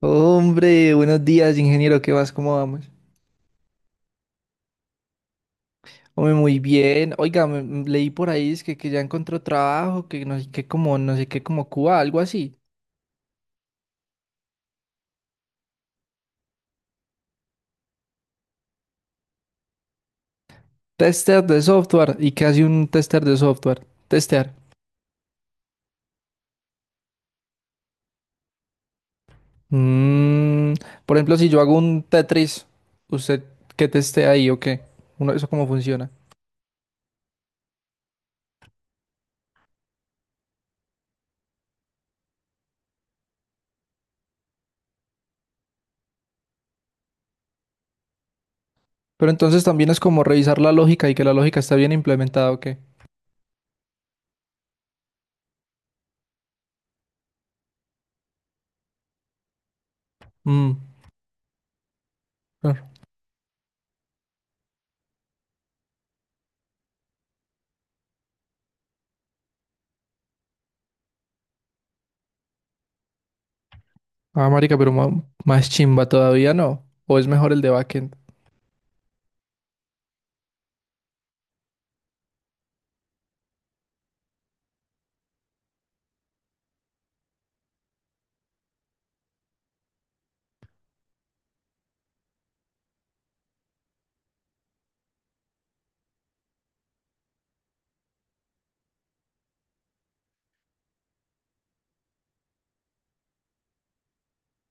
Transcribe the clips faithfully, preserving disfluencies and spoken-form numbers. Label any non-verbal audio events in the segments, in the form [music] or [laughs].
Hombre, buenos días, ingeniero, ¿qué vas? ¿Cómo vamos? Hombre, muy bien. Oiga, me- me- leí por ahí es que, que ya encontró trabajo, que no sé qué como, no sé qué como Cuba, algo así. Tester de software. ¿Y qué hace un tester de software? Testear. Mm, por ejemplo, si yo hago un Tetris, ¿usted qué testea ahí o qué? Uno, ¿eso cómo funciona? Pero entonces también es como revisar la lógica y que la lógica está bien implementada o qué. Mm, claro. Ah, marica, pero ma- más chimba todavía, ¿no? ¿O es mejor el de backend?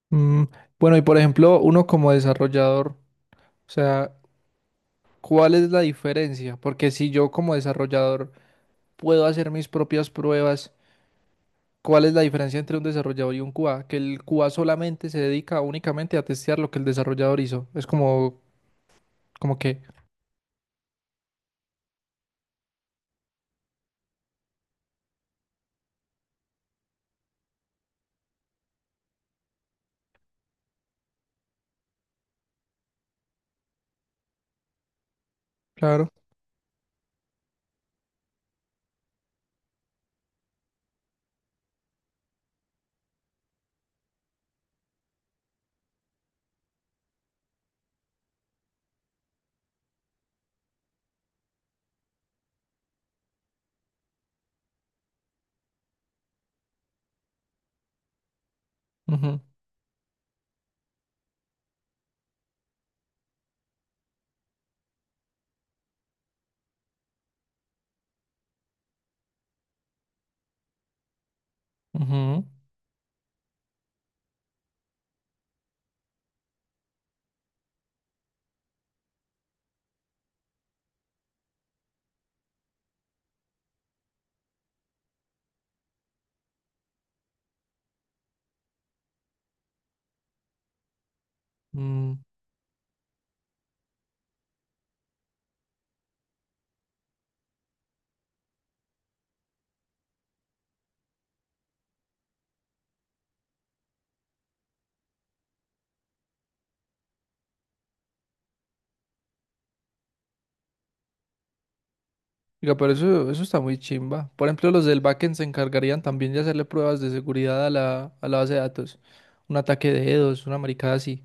Mm, bueno, y por ejemplo, uno como desarrollador, o sea, ¿cuál es la diferencia? Porque si yo como desarrollador puedo hacer mis propias pruebas, ¿cuál es la diferencia entre un desarrollador y un Q A? Que el Q A solamente se dedica únicamente a testear lo que el desarrollador hizo. Es como, como que, claro. Ujú, ujú, mm. Diga, pero eso, eso está muy chimba. Por ejemplo, los del backend se encargarían también de hacerle pruebas de seguridad a la, a la base de datos. Un ataque de dedos, una maricada así.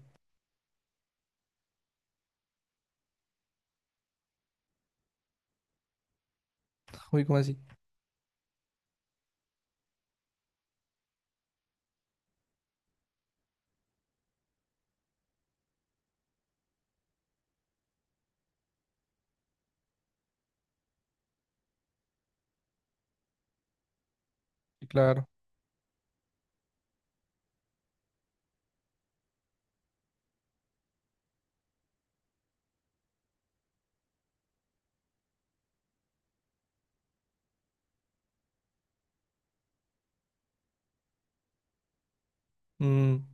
Uy, ¿cómo así? Sí, claro. Mm,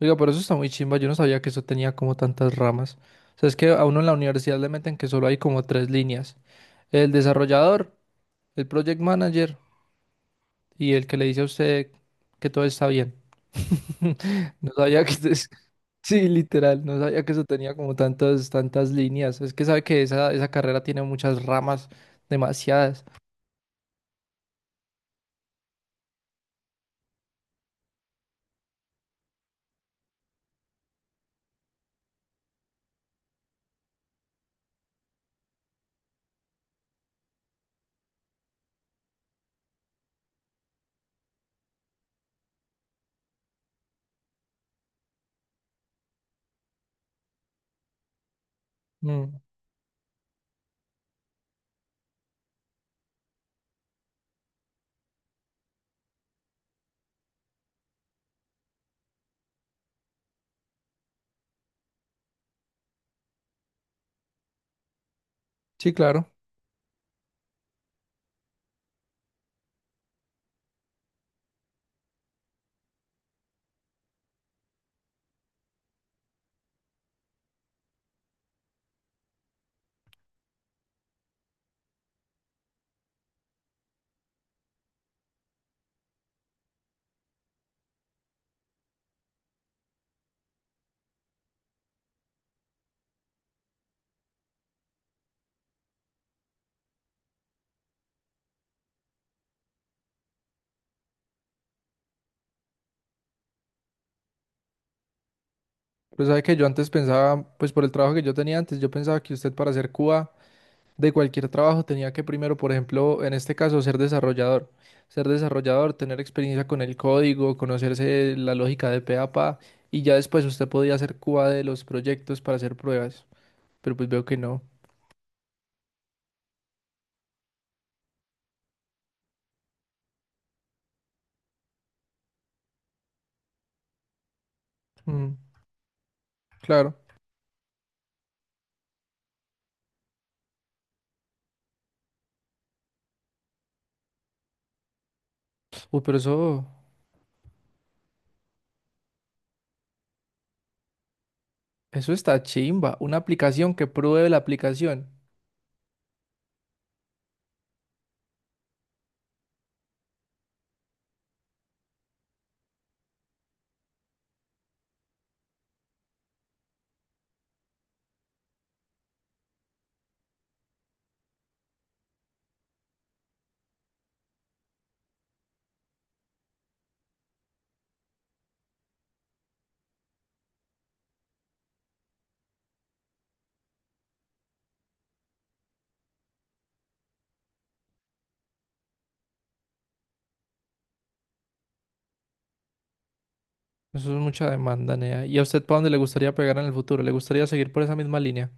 oiga, pero eso está muy chimba. Yo no sabía que eso tenía como tantas ramas. O sea, es que a uno en la universidad le meten que solo hay como tres líneas. El desarrollador, el project manager y el que le dice a usted que todo está bien. [laughs] No sabía que... es- [laughs] Sí, literal, no sabía que eso tenía como tantas, tantas líneas. Es que sabe que esa, esa carrera tiene muchas ramas, demasiadas. Mm, sí, claro. Pero sabe que yo antes pensaba, pues por el trabajo que yo tenía antes, yo pensaba que usted para hacer Cuba de cualquier trabajo tenía que primero, por ejemplo, en este caso, ser desarrollador. Ser desarrollador, tener experiencia con el código, conocerse la lógica de pe a pa, y ya después usted podía hacer cuba de los proyectos para hacer pruebas. Pero pues veo que no. Mm, claro. Uy, pero eso, eso está chimba. Una aplicación que pruebe la aplicación. Eso es mucha demanda, Nea. ¿Y a usted para dónde le gustaría pegar en el futuro? ¿Le gustaría seguir por esa misma línea?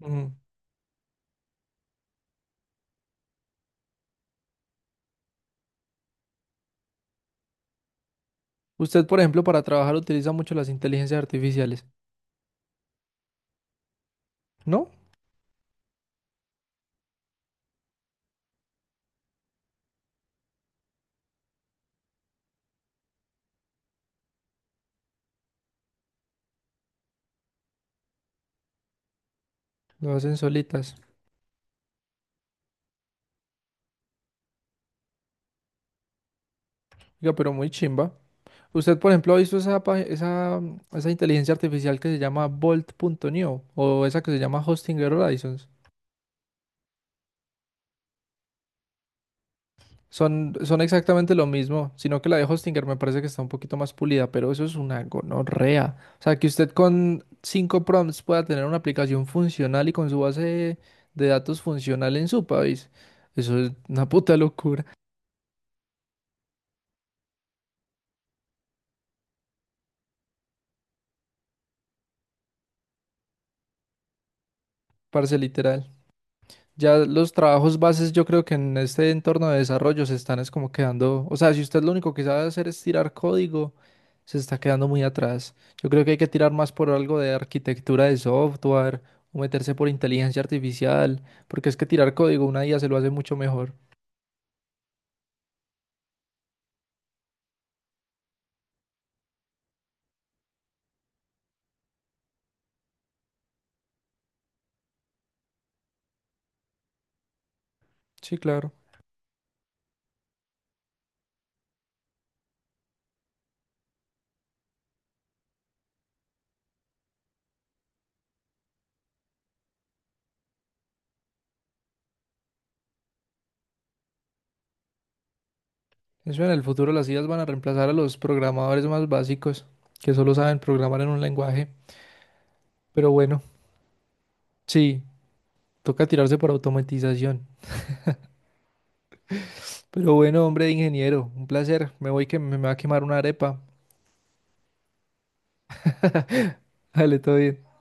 Mm. Usted, por ejemplo, para trabajar utiliza mucho las inteligencias artificiales, ¿no? Lo hacen solitas. Oiga, pero muy chimba. ¿Usted, por ejemplo, ha visto esa, pa- esa, esa inteligencia artificial que se llama Bolt? ¿Bolt.neo o esa que se llama Hostinger Horizons? Son, son exactamente lo mismo, sino que la de Hostinger me parece que está un poquito más pulida, pero eso es una gonorrea. O sea, que usted con cinco prompts pueda tener una aplicación funcional y con su base de datos funcional en su país. Eso es una puta locura, parce, literal. Ya los trabajos bases yo creo que en este entorno de desarrollo se están es como quedando, o sea, si usted lo único que sabe hacer es tirar código, se está quedando muy atrás. Yo creo que hay que tirar más por algo de arquitectura de software o meterse por inteligencia artificial, porque es que tirar código una I A se lo hace mucho mejor. Sí, claro. Eso en el futuro las I As van a reemplazar a los programadores más básicos que solo saben programar en un lenguaje. Pero bueno, sí, toca tirarse por automatización. Pero bueno, hombre, ingeniero, un placer. Me voy que me me va a quemar una arepa. [laughs] Dale, todo bien.